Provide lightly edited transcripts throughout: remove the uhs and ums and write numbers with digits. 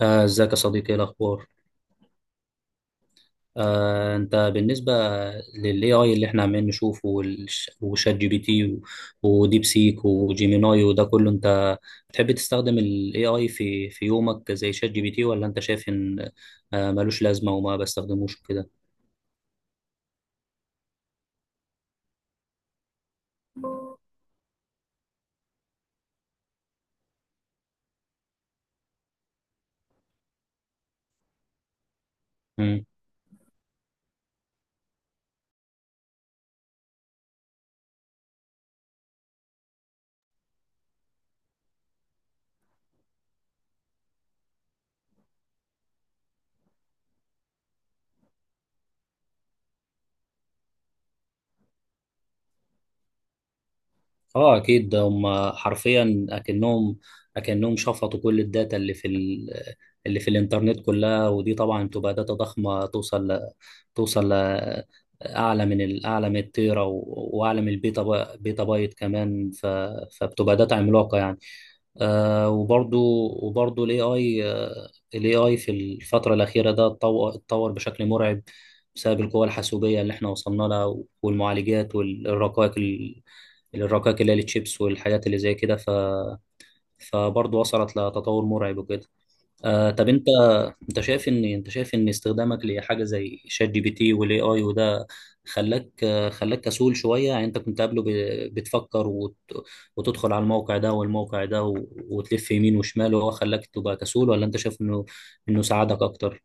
ازيك يا صديقي؟ ايه الاخبار؟ انت بالنسبه للاي اي اللي احنا عمالين نشوفه وشات جي بي تي وديب سيك وجيميناي وده كله، انت بتحب تستخدم الاي اي في يومك زي شات جي بي تي، ولا انت شايف ان ملوش لازمه وما بستخدموش كده؟ اه اكيد، ده هم حرفيا اكنهم شفطوا كل الداتا اللي في الانترنت كلها، ودي طبعا تبقى داتا ضخمه، توصل ل... اعلى من التيرا، واعلى من البيتا، بيتا بايت كمان، فبتبقى داتا عملاقه يعني. آه وبرضو وبرضو الاي اي في الفتره الاخيره ده اتطور بشكل مرعب، بسبب القوى الحاسوبيه اللي احنا وصلنا لها، والمعالجات الرقائق اللي هي التشيبس والحاجات اللي زي كده، فبرضه وصلت لتطور مرعب وكده. طب انت شايف ان استخدامك لحاجه زي شات جي بي تي والاي اي وده خلاك خلاك كسول شويه، يعني انت كنت قبله بتفكر وتدخل على الموقع ده والموقع ده وتلف يمين وشمال، وهو خلاك تبقى كسول، ولا انت شايف انه ساعدك اكتر؟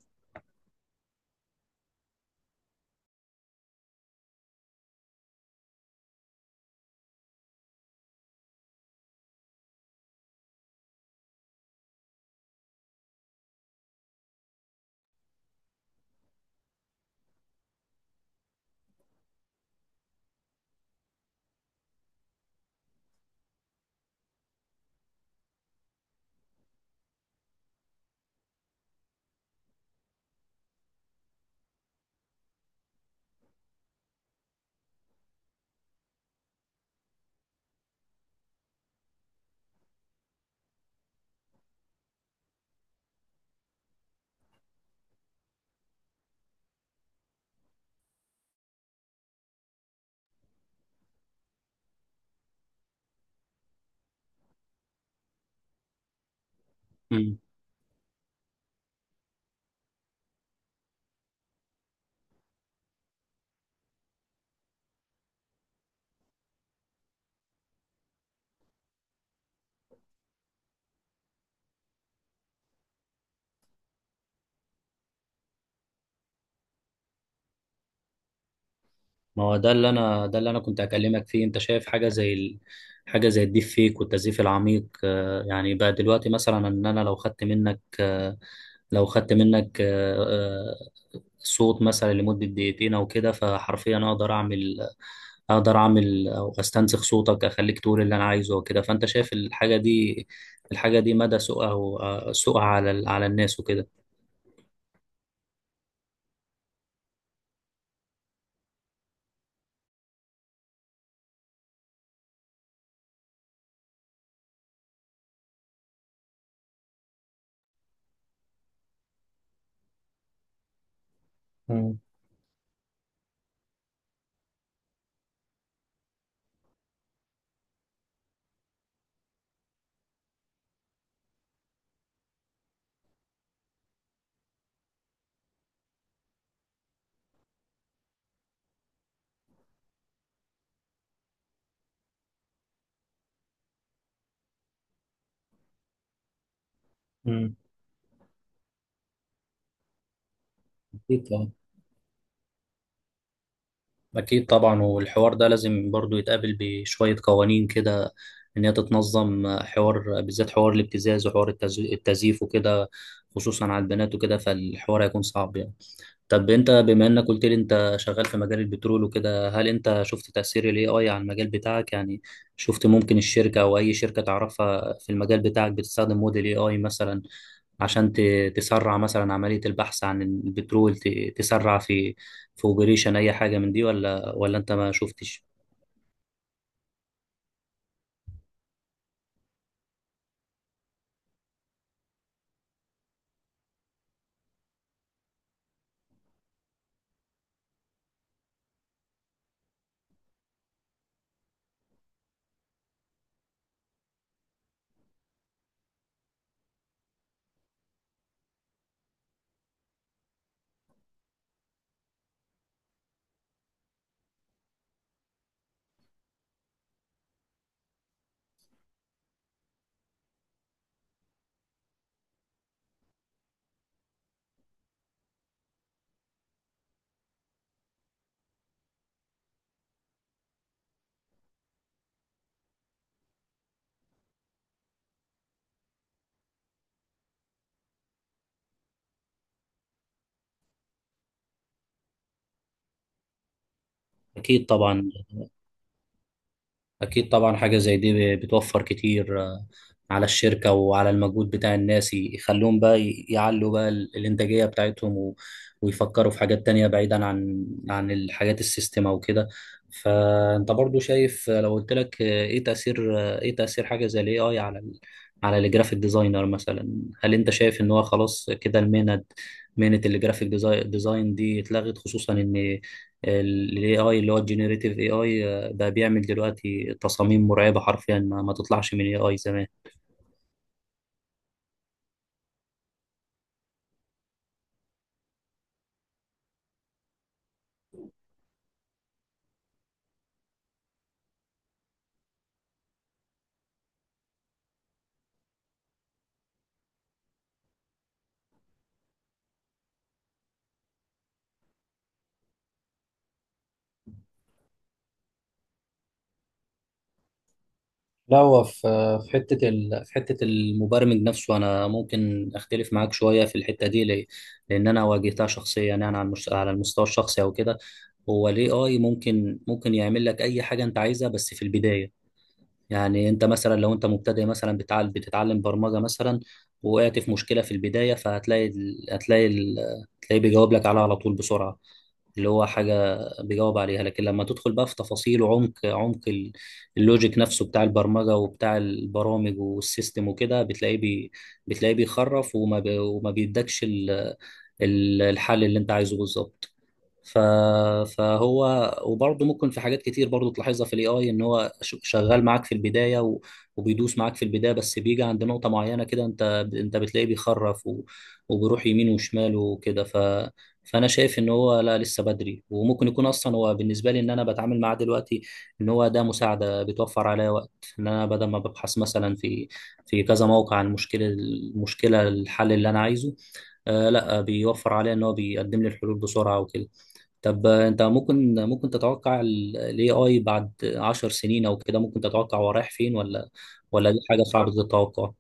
مم. ما هو ده اللي انا كنت هكلمك فيه. انت شايف حاجه زي حاجه زي الديب فيك والتزييف العميق؟ يعني بقى دلوقتي مثلا، ان انا لو خدت منك، لو خدت منك صوت مثلا لمدة دقيقتين او كده، فحرفيا اقدر اعمل، اقدر اعمل او استنسخ صوتك، اخليك تقول اللي انا عايزه وكده. فانت شايف الحاجة دي، الحاجة دي مدى سوءها سوءها على الناس وكده؟ مم. مم. أكيد طبعا. أكيد طبعا، والحوار ده لازم برضو يتقابل بشوية قوانين كده، إن هي تتنظم، حوار بالذات، حوار الابتزاز وحوار التزييف وكده، خصوصا على البنات وكده، فالحوار هيكون صعب يعني. طب انت، بما انك قلت لي انت شغال في مجال البترول وكده، هل انت شفت تأثير الاي اي على المجال بتاعك يعني؟ شفت ممكن الشركة او اي شركة تعرفها في المجال بتاعك بتستخدم موديل اي اي مثلا، عشان تسرع مثلا عملية البحث عن البترول، تسرع في اوبريشن اي حاجة من دي، ولا انت ما شفتش؟ اكيد طبعا. أكيد طبعا، حاجة زي دي بتوفر كتير على الشركة وعلى المجهود بتاع الناس، يخلوهم بقى يعلوا بقى الإنتاجية بتاعتهم، ويفكروا في حاجات تانية، بعيدا عن الحاجات السيستم أو كده. فأنت برضو شايف، لو قلت لك، إيه تأثير حاجة زي ال AI على الجرافيك ديزاينر مثلا، هل أنت شايف إن هو خلاص كده المهنة، مهنة الجرافيك ديزاين دي اتلغت، خصوصا إن ال AI اللي هو الجينيريتيف AI بقى بيعمل دلوقتي تصاميم مرعبة حرفيا، ما تطلعش من اي اي زمان. لا، هو في، في حتة المبرمج نفسه، أنا ممكن أختلف معاك شوية في الحتة دي. ليه؟ لأن أنا واجهتها شخصيا يعني، على المستوى الشخصي أو كده. هو ال AI ممكن، ممكن يعمل لك أي حاجة أنت عايزها، بس في البداية. يعني أنت مثلا لو أنت مبتدئ مثلا، بتتعلم برمجة مثلا، وقعت في مشكلة في البداية، فهتلاقي ال... هتلاقي ال... هتلاقيه بيجاوب لك عليها على طول بسرعة. اللي هو حاجة بيجاوب عليها، لكن لما تدخل بقى في تفاصيل وعمق، اللوجيك نفسه بتاع البرمجة وبتاع البرامج والسيستم وكده، بتلاقيه بيخرف، وما بيدكش الحل اللي انت عايزه بالظبط. ف... فهو وبرضه ممكن، في حاجات كتير برضه تلاحظها في الاي اي، ان هو شغال معاك في البدايه، وبيدوس معاك في البدايه، بس بيجي عند نقطه معينه كده انت، بتلاقيه بيخرف، وبيروح يمين وشمال وكده، فانا شايف ان هو لا، لسه بدري. وممكن يكون اصلا هو بالنسبه لي، ان انا بتعامل معاه دلوقتي، ان هو ده مساعده بتوفر عليا وقت، ان انا بدل ما ببحث مثلا في، كذا موقع، عن المشكله المشكله الحل اللي انا عايزه. آه لا، بيوفر عليا ان هو بيقدم لي الحلول بسرعه وكده. طب انت ممكن، تتوقع الاي اي بعد 10 سنين او كده؟ ممكن تتوقع هو رايح فين، ولا دي حاجه صعبه التوقع؟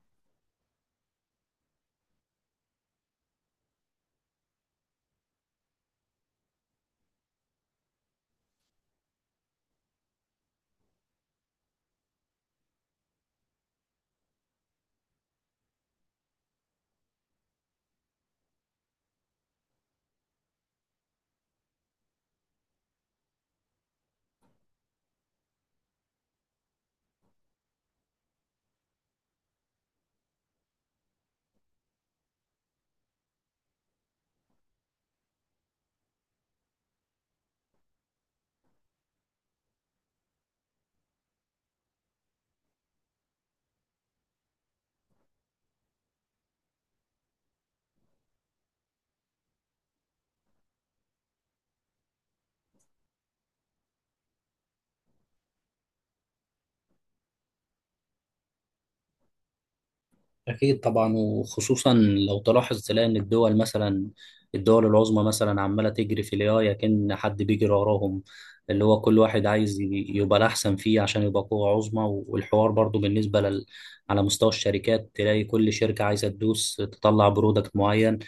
أكيد طبعا. وخصوصا لو تلاحظ تلاقي إن الدول مثلا، العظمى مثلا عمالة تجري في الاي كأن حد بيجري وراهم، اللي هو كل واحد عايز يبقى الأحسن فيه عشان يبقى قوة عظمى، والحوار برضو بالنسبة على مستوى الشركات، تلاقي كل شركة عايزة تدوس تطلع برودكت معين،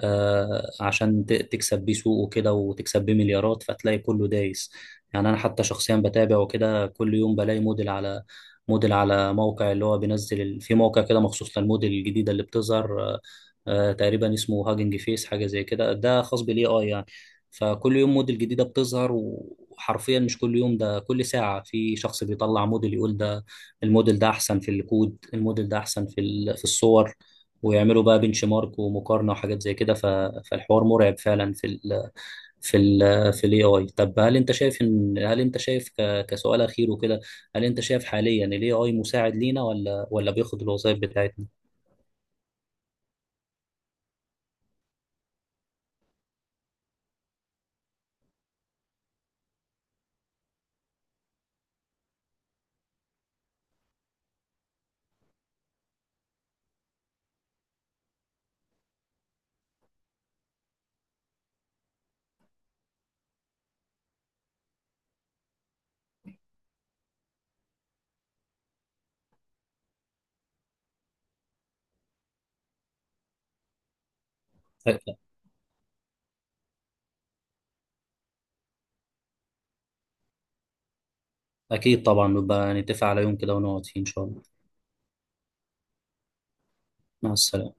عشان تكسب بيه سوق وكده، وتكسب بيه مليارات، فتلاقي كله دايس. يعني أنا حتى شخصيا بتابع وكده، كل يوم بلاقي موديل على، موقع اللي هو بينزل في موقع كده مخصوص للموديل الجديدة اللي بتظهر، تقريبا اسمه هاجنج فيس، حاجة زي كده، ده خاص بالاي اي يعني. فكل يوم موديل جديدة بتظهر، وحرفيا مش كل يوم، ده كل ساعة في شخص بيطلع موديل يقول ده الموديل ده أحسن في الكود، الموديل ده أحسن في الصور، ويعملوا بقى بنش مارك ومقارنة وحاجات زي كده، فالحوار مرعب فعلا في ال في الاي اي. طب هل انت شايف ان، هل انت شايف كسؤال اخير وكده، هل انت شايف حاليا الاي اي مساعد لينا، ولا بياخد الوظائف بتاعتنا؟ أ- اكيد طبعا، نبقى نتفق على يوم كده ونقعد فيه ان شاء الله. مع السلامه.